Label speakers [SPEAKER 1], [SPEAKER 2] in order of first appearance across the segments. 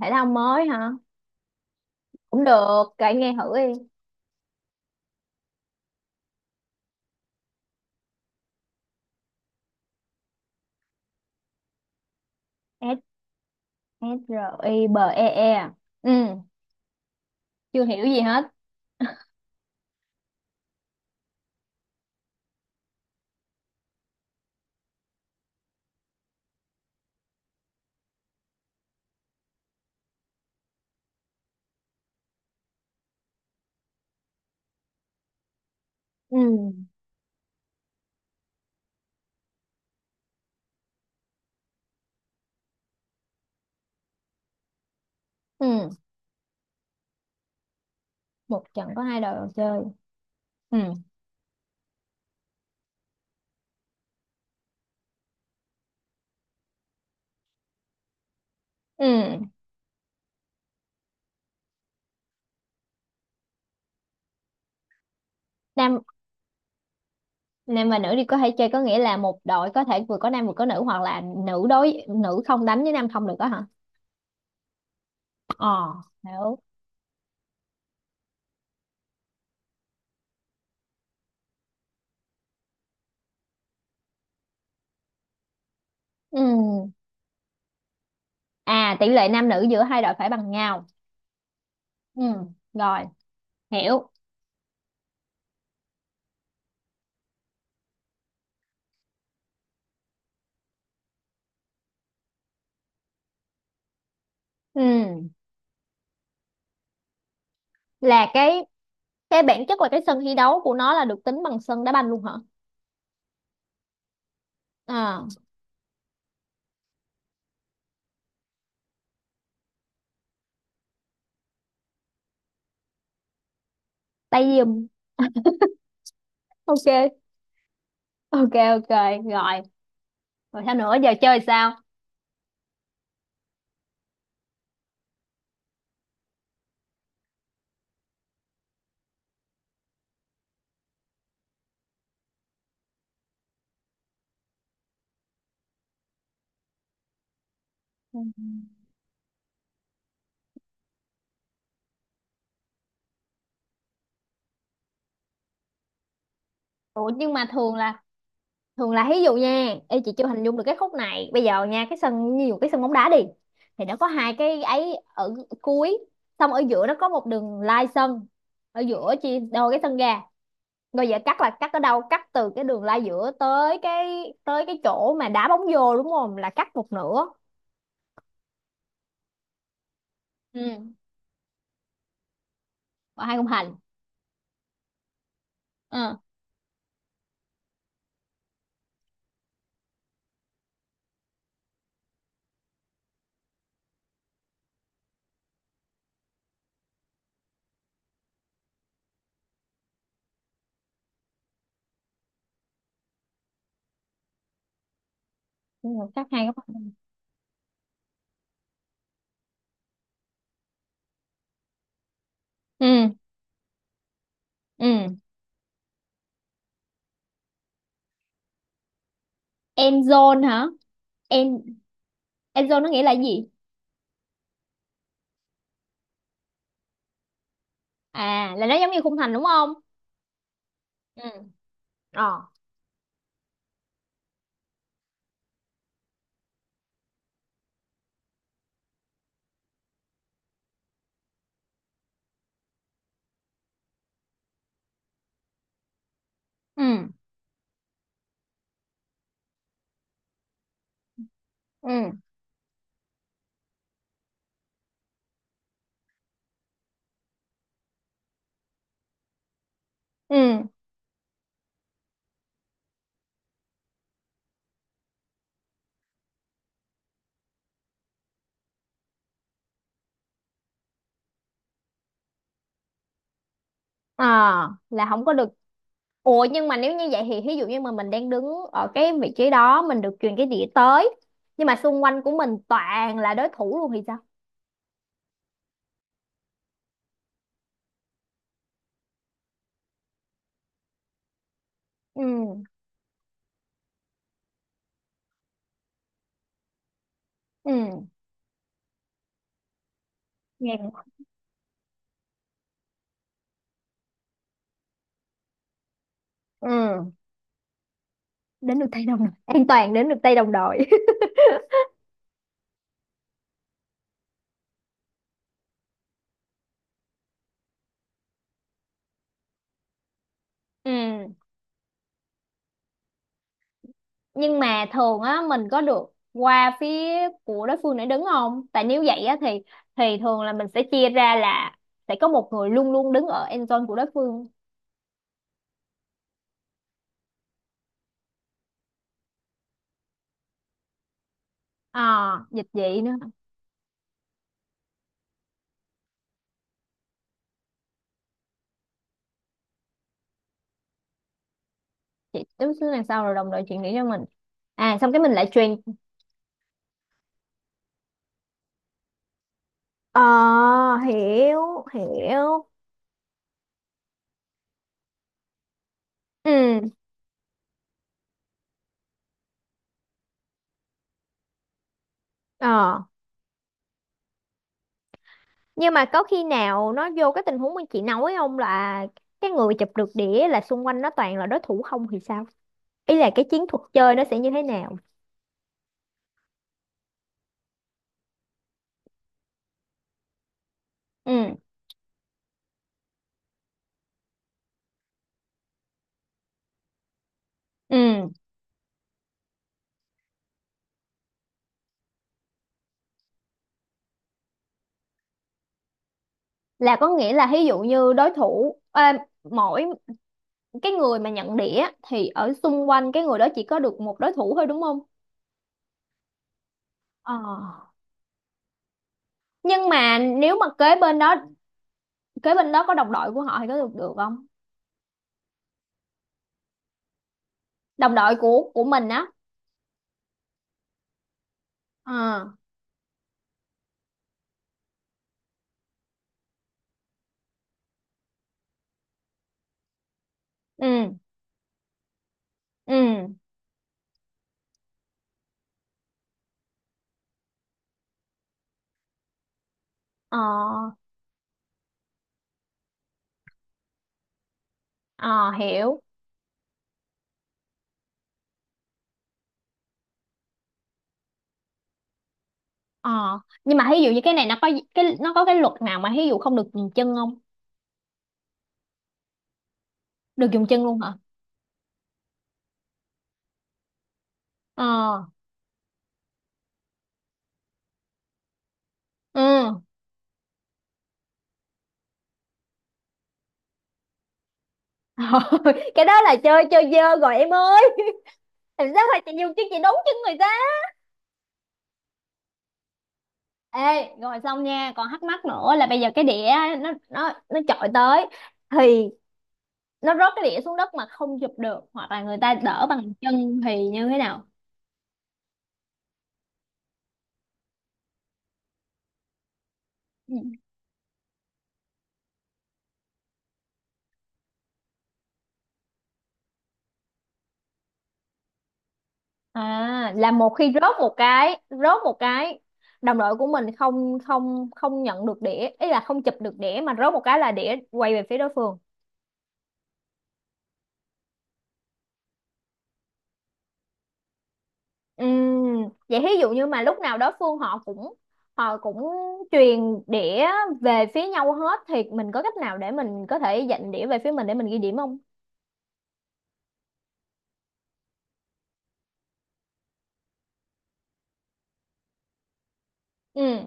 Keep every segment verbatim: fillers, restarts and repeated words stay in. [SPEAKER 1] Thể thao mới hả? Cũng được, kể nghe thử đi. S S R I B E E à? Ừ. Chưa hiểu gì hết. Ừ. Ừ. Một trận có hai đội chơi. Ừ. Ừ. nam nam và nữ đi có thể chơi có nghĩa là một đội có thể vừa có nam vừa có nữ hoặc là nữ đối nữ không đánh với nam không được đó hả? Ờ. Hiểu. Ừ. À, tỷ lệ nam nữ giữa hai đội phải bằng nhau. Ừ. Rồi. Hiểu. Ừ. Là cái. Cái bản chất là cái sân thi đấu của nó là được tính bằng sân đá banh luôn hả? À. Tay giùm. Ok. Ok, ok. Rồi. Rồi sao nữa, giờ chơi sao? Ừ. Ủa nhưng mà thường là, thường là ví dụ nha, ê chị chưa hình dung được cái khúc này bây giờ nha, cái sân ví dụ cái sân bóng đá đi. Thì nó có hai cái ấy ở cuối. Xong ở giữa nó có một đường lai sân, ở giữa chia đôi cái sân ra. Rồi giờ cắt là cắt ở đâu, cắt từ cái đường lai giữa tới cái tới cái chỗ mà đá bóng vô đúng không, là cắt một nửa. Ừ. Và hai khung thành. Ừ. Đúng rồi, cắt hai khung thành. Ừ. Ừ. End zone hả? End, end zone nó nghĩa là gì? À, là nó giống như khung thành đúng không? Ừ. Ờ. Ừ. Ừ. Ừ. Ờ, là không có được. Ủa nhưng mà nếu như vậy thì ví dụ như mà mình đang đứng ở cái vị trí đó, mình được truyền cái đĩa tới. Nhưng mà xung quanh của mình toàn là đối thủ luôn thì sao? Ừ. Ừ. Nghe cũng- Ừ. Đến được tay đồng đội. An toàn đến được tay đồng đội. Ừ. Nhưng mà thường á mình có được qua phía của đối phương để đứng không, tại nếu vậy á thì thì thường là mình sẽ chia ra là sẽ có một người luôn luôn đứng ở end zone của đối phương. À dịch vậy nữa. Chị đứng xuống đằng sau rồi đồng đội chuyển điểm cho mình, à xong cái mình lại truyền. Ờ, hiểu hiểu. Ừ. Ờ nhưng mà có khi nào nó vô cái tình huống mà chị nói không, là cái người chụp được đĩa là xung quanh nó toàn là đối thủ không thì sao? Ý là cái chiến thuật chơi nó sẽ như thế nào? Ừ. Ừ. Là có nghĩa là ví dụ như đối thủ à, mỗi cái người mà nhận đĩa thì ở xung quanh cái người đó chỉ có được một đối thủ thôi đúng không? Ờ. Nhưng mà nếu mà kế bên đó, kế bên đó có đồng đội của họ thì có được được không? Đồng đội của của mình á. Ờ. Ừ. Ừ. Ờ. Ờ hiểu. Ờ. Nhưng mà ví dụ như cái này nó có cái nó có cái luật nào mà ví dụ không được dùng chân không? Được dùng chân luôn hả? Ờ. Ừ. Cái đó là chơi chơi dơ rồi em ơi. Thì sao phải chị dùng chứ chị đúng chân người ta. Ê rồi xong nha, còn thắc mắc nữa là bây giờ cái đĩa nó nó nó chọi tới thì nó rớt cái đĩa xuống đất mà không chụp được hoặc là người ta đỡ bằng chân thì như thế nào? Ừ. À là một khi rớt một cái rớt một cái đồng đội của mình không không không nhận được đĩa, ý là không chụp được đĩa mà rớt một cái là đĩa quay về phía đối phương. Ừm, vậy thí dụ như mà lúc nào đó Phương họ cũng, họ cũng truyền đĩa về phía nhau hết thì mình có cách nào để mình có thể dành đĩa về phía mình để mình ghi điểm không? Ừ.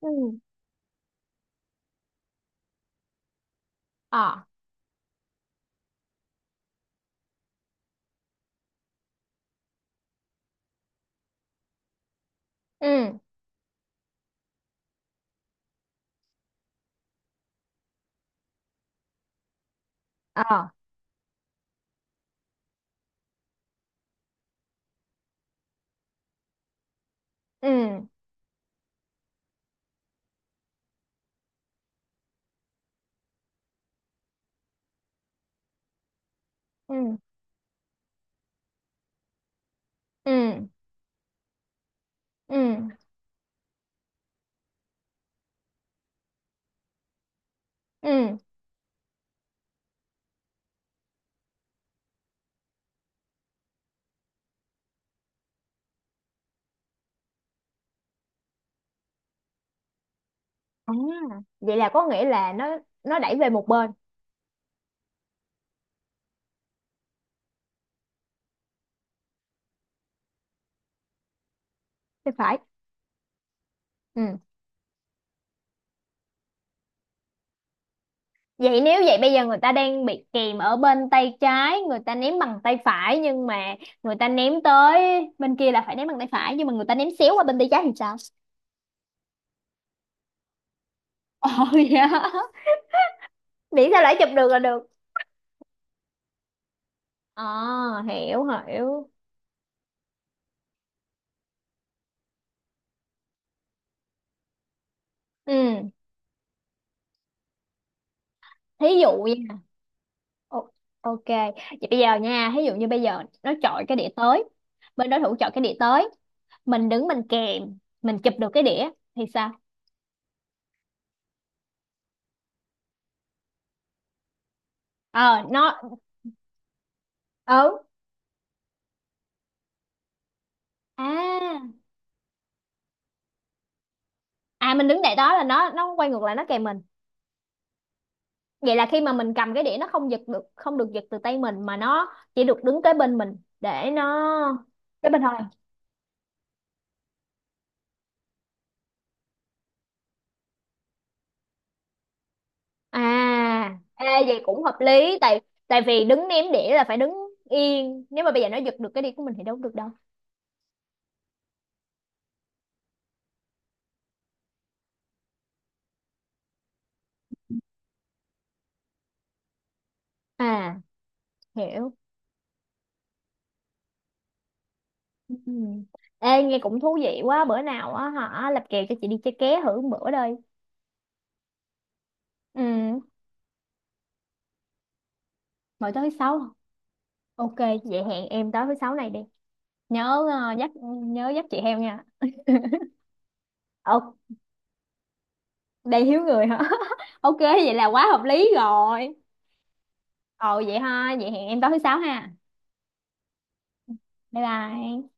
[SPEAKER 1] Ừ. Ờ. Ừ. Ờ. Ừ. Ừ. Ừ. Ừ. Ừ. À, vậy là có nghĩa là nó nó đẩy về một bên thì phải. Ừ. Vậy nếu vậy bây giờ người ta đang bị kìm ở bên tay trái, người ta ném bằng tay phải nhưng mà người ta ném tới bên kia là phải ném bằng tay phải nhưng mà người ta ném xéo qua bên tay trái thì sao? Ồ dạ. Miễn sao lại chụp được là được. Ờ hiểu hiểu. Ừ, thí dụ nha. Ồ, ok. Vậy bây giờ nha, thí dụ như bây giờ nó chọi cái đĩa tới, bên đối thủ chọi cái đĩa tới, mình đứng mình kèm, mình chụp được cái đĩa thì sao? Ờ nó. Ừ. À, à mình đứng tại đó là nó nó quay ngược lại nó kèm mình, vậy là khi mà mình cầm cái đĩa nó không giật được, không được giật từ tay mình mà nó chỉ được đứng kế bên mình để nó cái bên thôi. À ê, vậy cũng hợp lý tại tại vì đứng ném đĩa là phải đứng yên, nếu mà bây giờ nó giật được cái đĩa của mình thì đâu có được đâu. À hiểu. Ừ. Ê nghe cũng thú vị quá, bữa nào á hả lập kèo cho chị đi chơi ké thử một bữa đây. Ừ. Mỗi tối thứ sáu. Ok vậy hẹn em tối thứ sáu này đi. Nhớ ờ, dắt, nhớ dắt chị heo nha. Ok. Đầy hiếu người hả? Ok vậy là quá hợp lý rồi. Ồ vậy ha, vậy hẹn em tối thứ sáu ha. Bye bye.